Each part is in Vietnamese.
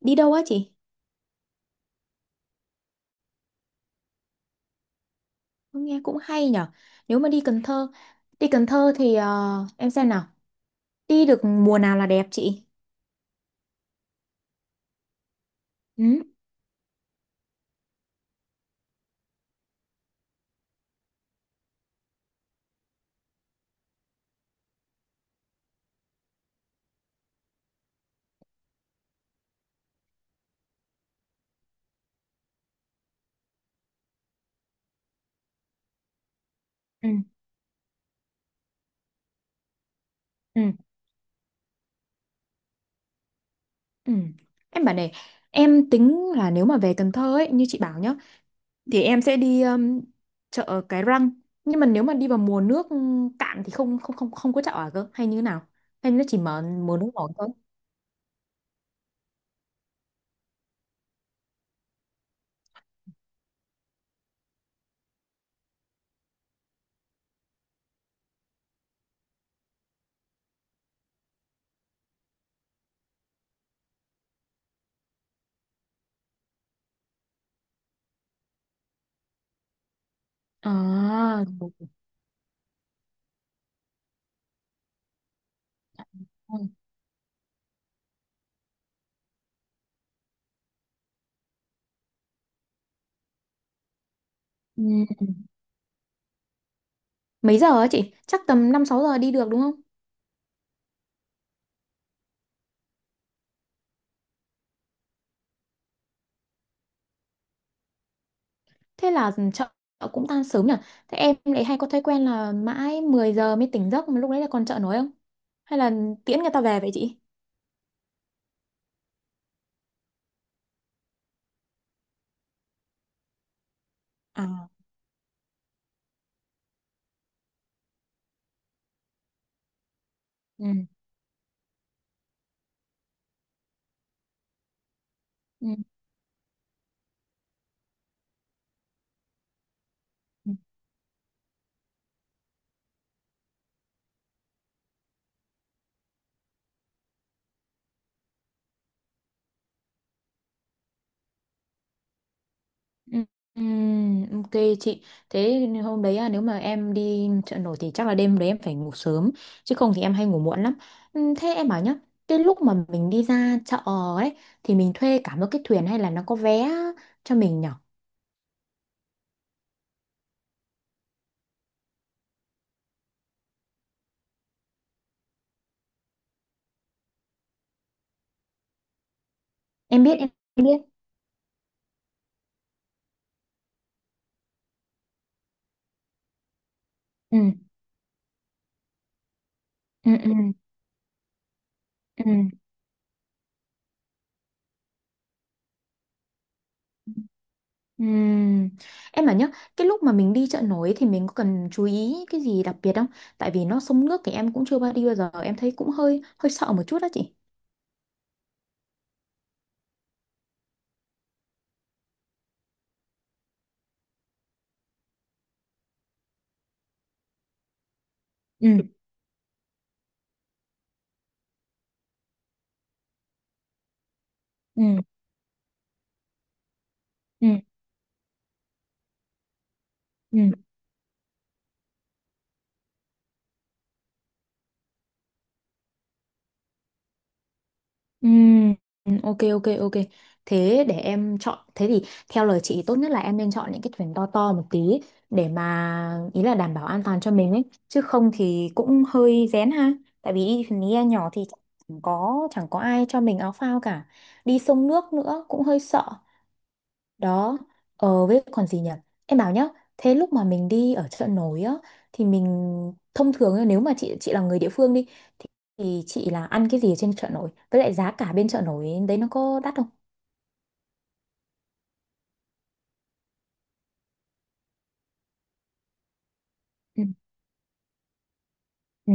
Đi đâu á chị? Nghe cũng hay nhở. Nếu mà đi Cần Thơ thì em xem nào. Đi được mùa nào là đẹp chị? Ừ, ừ, ừ, ừ. Em bảo này, em tính là nếu mà về Cần Thơ ấy, như chị bảo nhá, thì em sẽ đi chợ Cái Răng. Nhưng mà nếu mà đi vào mùa nước cạn thì không không không không có chợ ở cơ, hay như thế nào? Hay nó chỉ mở mùa nước nổi thôi? À, đúng rồi. Ừ. Mấy giờ á chị? Chắc tầm 5-6 giờ đi được đúng không? Thế là chợ cũng tan sớm nhỉ? Thế em lại hay có thói quen là mãi 10 giờ mới tỉnh giấc mà lúc đấy là còn chợ nổi không? Hay là tiễn người ta về vậy chị? À. Ừ. Ừ. Ừ. Ừ. Ừ, ok chị. Thế nên hôm đấy à, nếu mà em đi chợ nổi thì chắc là đêm đấy em phải ngủ sớm. Chứ không thì em hay ngủ muộn lắm. Ừ, thế em bảo nhá. Cái lúc mà mình đi ra chợ ấy thì mình thuê cả một cái thuyền hay là nó có vé cho mình nhở? Em biết, em biết. Ừ. Ừ. Ừ. Ừ. Ừm, em bảo nhá, cái lúc mà mình đi chợ nổi thì mình có cần chú ý cái gì đặc biệt không? Tại vì nó sông nước thì em cũng chưa bao đi bao giờ, em thấy cũng hơi hơi sợ một chút đó chị. Ừ, ừ, ừ, ừ, ừ, ừ, ok, ok, ok. Thế để em chọn, thế thì theo lời chị tốt nhất là em nên chọn những cái thuyền to to một tí để mà ý là đảm bảo an toàn cho mình ấy, chứ không thì cũng hơi rén ha. Tại vì đi thuyền ghe nhỏ thì chẳng có ai cho mình áo phao cả. Đi sông nước nữa cũng hơi sợ. Đó, với còn gì nhỉ? Em bảo nhá, thế lúc mà mình đi ở chợ nổi á thì mình thông thường ấy, nếu mà chị là người địa phương đi thì, thì chị là ăn cái gì ở trên chợ nổi? Với lại giá cả bên chợ nổi đấy nó có đắt không? Ừ. Ừ.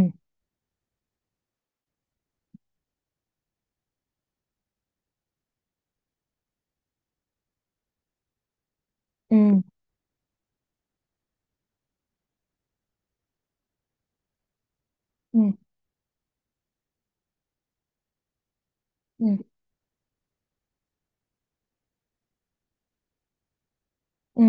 Ừ. Ừ. Ừ. Ừ.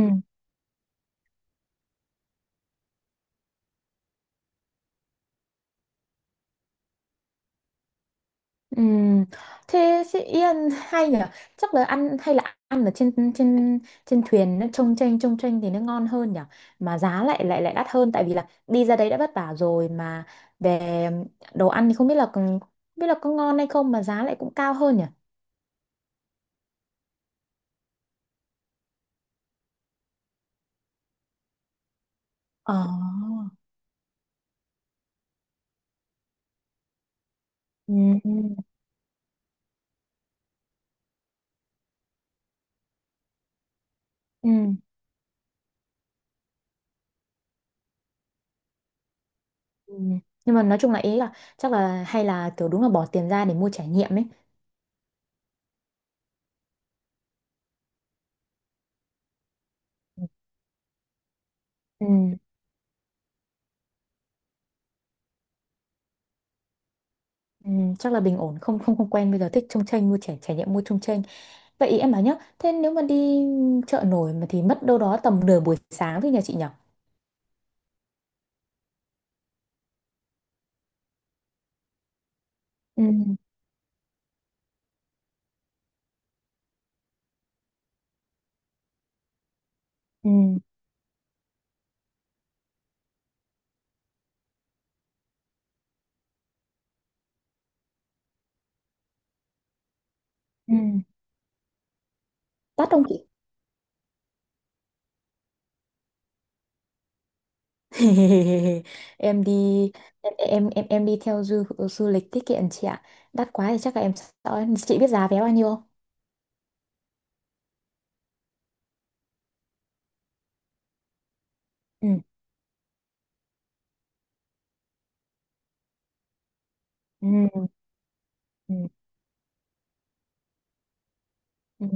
Ừm, thế chị Yên hay nhỉ, chắc là ăn hay là ăn ở trên trên trên thuyền nó trông chênh thì nó ngon hơn nhỉ, mà giá lại lại lại đắt hơn tại vì là đi ra đấy đã vất vả rồi, mà về đồ ăn thì không biết là không biết là có ngon hay không mà giá lại cũng cao hơn nhỉ. Ờ. Ừ, ừ, ừ. Ừ. Nhưng mà nói chung là ý là chắc là hay là kiểu đúng là bỏ tiền ra để mua trải nghiệm ấy. Ừ, ừ. Chắc là bình ổn, không không không quen bây giờ thích trông chênh, mua trải trải nghiệm mua trông chênh. Vậy ý em bảo nhá, thế nếu mà đi chợ nổi mà thì mất đâu đó tầm nửa buổi sáng thôi nhà chị nhở? Ừ, ừ, ừ. Tắt không chị? Em đi em đi theo du du lịch tiết kiệm chị ạ. Đắt quá thì chắc là em sợ. Chị biết giá vé bao nhiêu không? Ừ, ừ, ừ, ừ,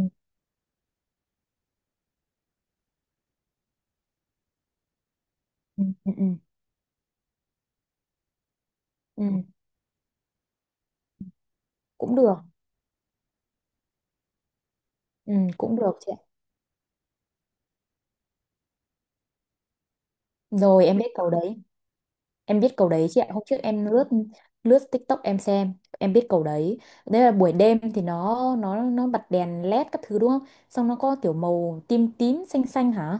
ừ, ừ, ừ. Ừ, cũng được. Ừ, cũng được chị ạ. Rồi em biết cầu đấy. Em biết câu đấy chị ạ. Hôm trước em lướt lướt TikTok em xem, em biết câu đấy. Đấy là buổi đêm thì nó bật đèn LED các thứ đúng không? Xong nó có kiểu màu tím tím xanh xanh hả?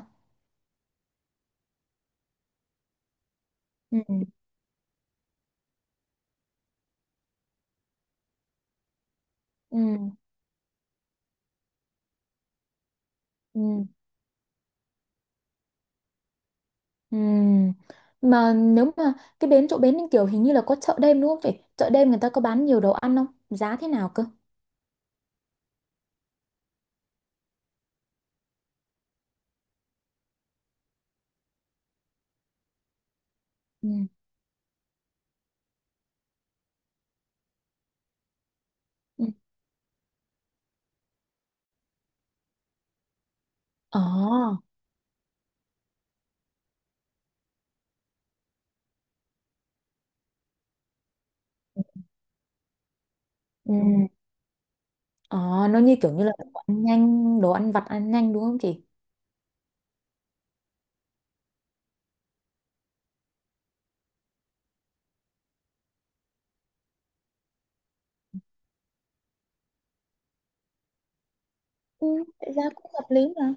Ừ. Ừ. Ừ. Ừ. Mà nếu mà cái bến chỗ bến Ninh Kiều hình như là có chợ đêm đúng không chị? Chợ đêm người ta có bán nhiều đồ ăn không? Giá thế nào cơ? Ừ. Ừ. Ờ. Ừ. Ờ, nó như kiểu như là đồ ăn nhanh, đồ ăn vặt ăn nhanh đúng không chị? Ừ, vậy ra cũng hợp lý mà.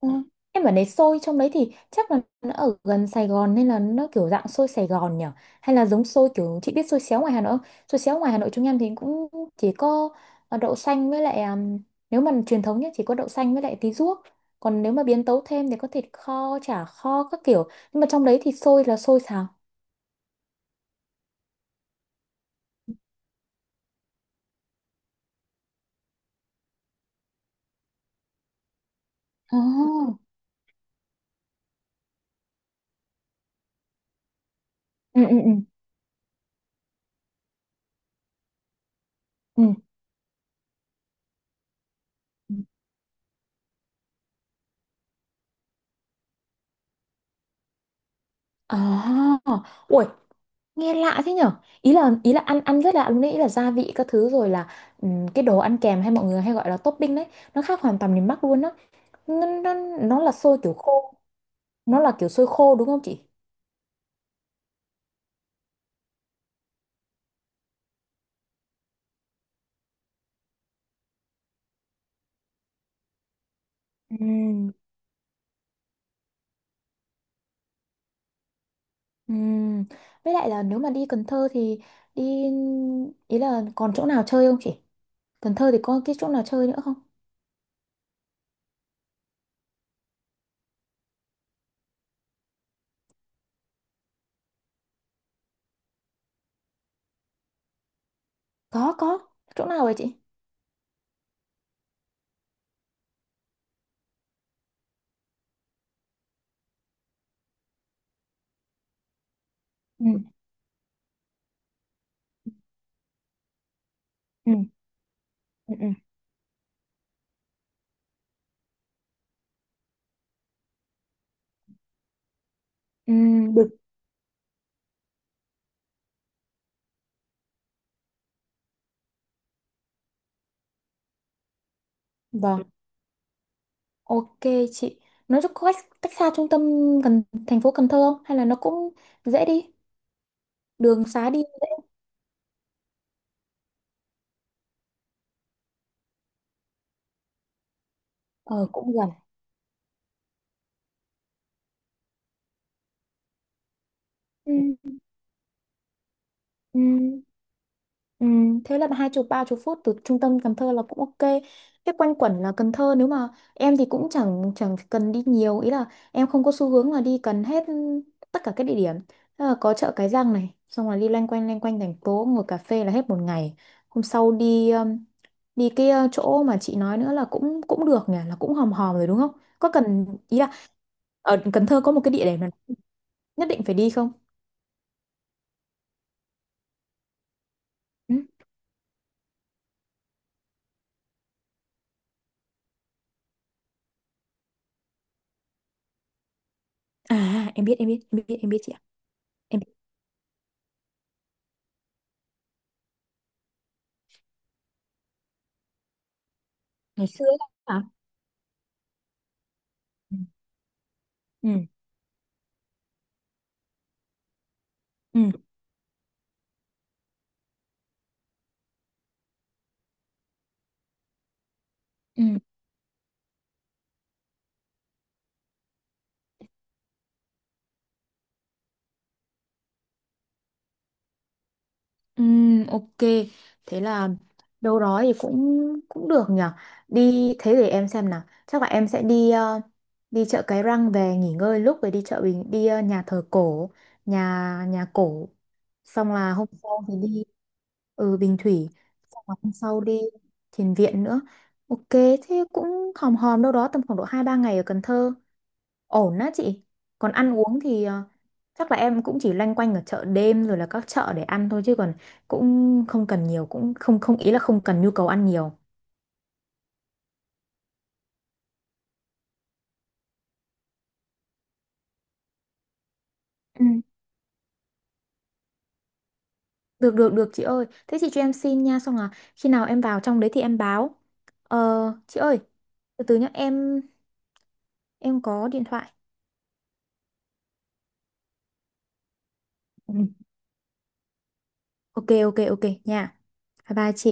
Ờ, em bảo đấy xôi trong đấy thì chắc là nó ở gần Sài Gòn nên là nó kiểu dạng xôi Sài Gòn nhỉ? Hay là giống xôi kiểu chị biết xôi xéo ngoài Hà Nội không? Xôi xéo ngoài Hà Nội chúng em thì cũng chỉ có đậu xanh với lại nếu mà truyền thống nhé chỉ có đậu xanh với lại tí ruốc. Còn nếu mà biến tấu thêm thì có thịt kho, chả kho các kiểu. Nhưng mà trong đấy thì xôi là xôi xào. Ồ. Ừ, ừ, ừ. Ừ. À, ui, nghe lạ thế nhở. Ý là ăn ăn rất lạ luôn đấy, ý là gia vị các thứ rồi là cái đồ ăn kèm hay mọi người hay gọi là topping đấy, nó khác hoàn toàn miền Bắc luôn á. Nó, nó, nó là kiểu xôi khô đúng không chị? Ừm. Ừm, với lại là nếu mà đi Cần Thơ thì đi, ý là còn chỗ nào chơi không chị? Cần Thơ thì có cái chỗ nào chơi nữa không? Có, có chỗ nào vậy chị? Ừ. Ừ. Ừ. Ừ. Ừm, được. Ok chị, nó có cách xa trung tâm gần thành phố Cần Thơ không? Hay là nó cũng dễ đi, đường xá đi. Cũng gần. Ừ, ừ, ừ. Thế là 20-30 phút từ trung tâm Cần Thơ là cũng ok. Thế quanh quẩn là Cần Thơ nếu mà em thì cũng chẳng chẳng cần đi nhiều, ý là em không có xu hướng là đi cần hết tất cả các địa điểm. Thế là có chợ Cái Răng này, xong rồi đi loanh quanh thành phố ngồi cà phê là hết một ngày. Hôm sau đi đi cái chỗ mà chị nói nữa là cũng cũng được nhỉ, là cũng hòm hòm rồi đúng không? Có cần ý là ở Cần Thơ có một cái địa điểm nào nhất định phải đi không? Ừ. À, em biết, em biết, em biết, em biết chị ạ, em biết. Ngày xưa ấy. Hả? Ừ, ừ, ừ. Ok, thế là đâu đó thì cũng cũng được nhỉ, đi thế để em xem nào, chắc là em sẽ đi đi chợ Cái Răng về nghỉ ngơi lúc rồi đi chợ Bình đi nhà thờ cổ, nhà nhà cổ, xong là hôm sau thì đi. Ừ, Bình Thủy. Xong là hôm sau đi Thiền Viện nữa. Ok, thế cũng hòm hòm đâu đó tầm khoảng độ 2-3 ngày ở Cần Thơ, ổn á chị? Còn ăn uống thì chắc là em cũng chỉ loanh quanh ở chợ đêm rồi là các chợ để ăn thôi, chứ còn cũng không cần nhiều, cũng không không ý là không cần nhu cầu ăn nhiều. Ừ. Được, được, được, chị ơi, thế chị cho em xin nha, xong là khi nào em vào trong đấy thì em báo. ờ, chị ơi, từ từ nhá em có điện thoại. Ừ. Ok, ok, ok nha. Bye bye chị.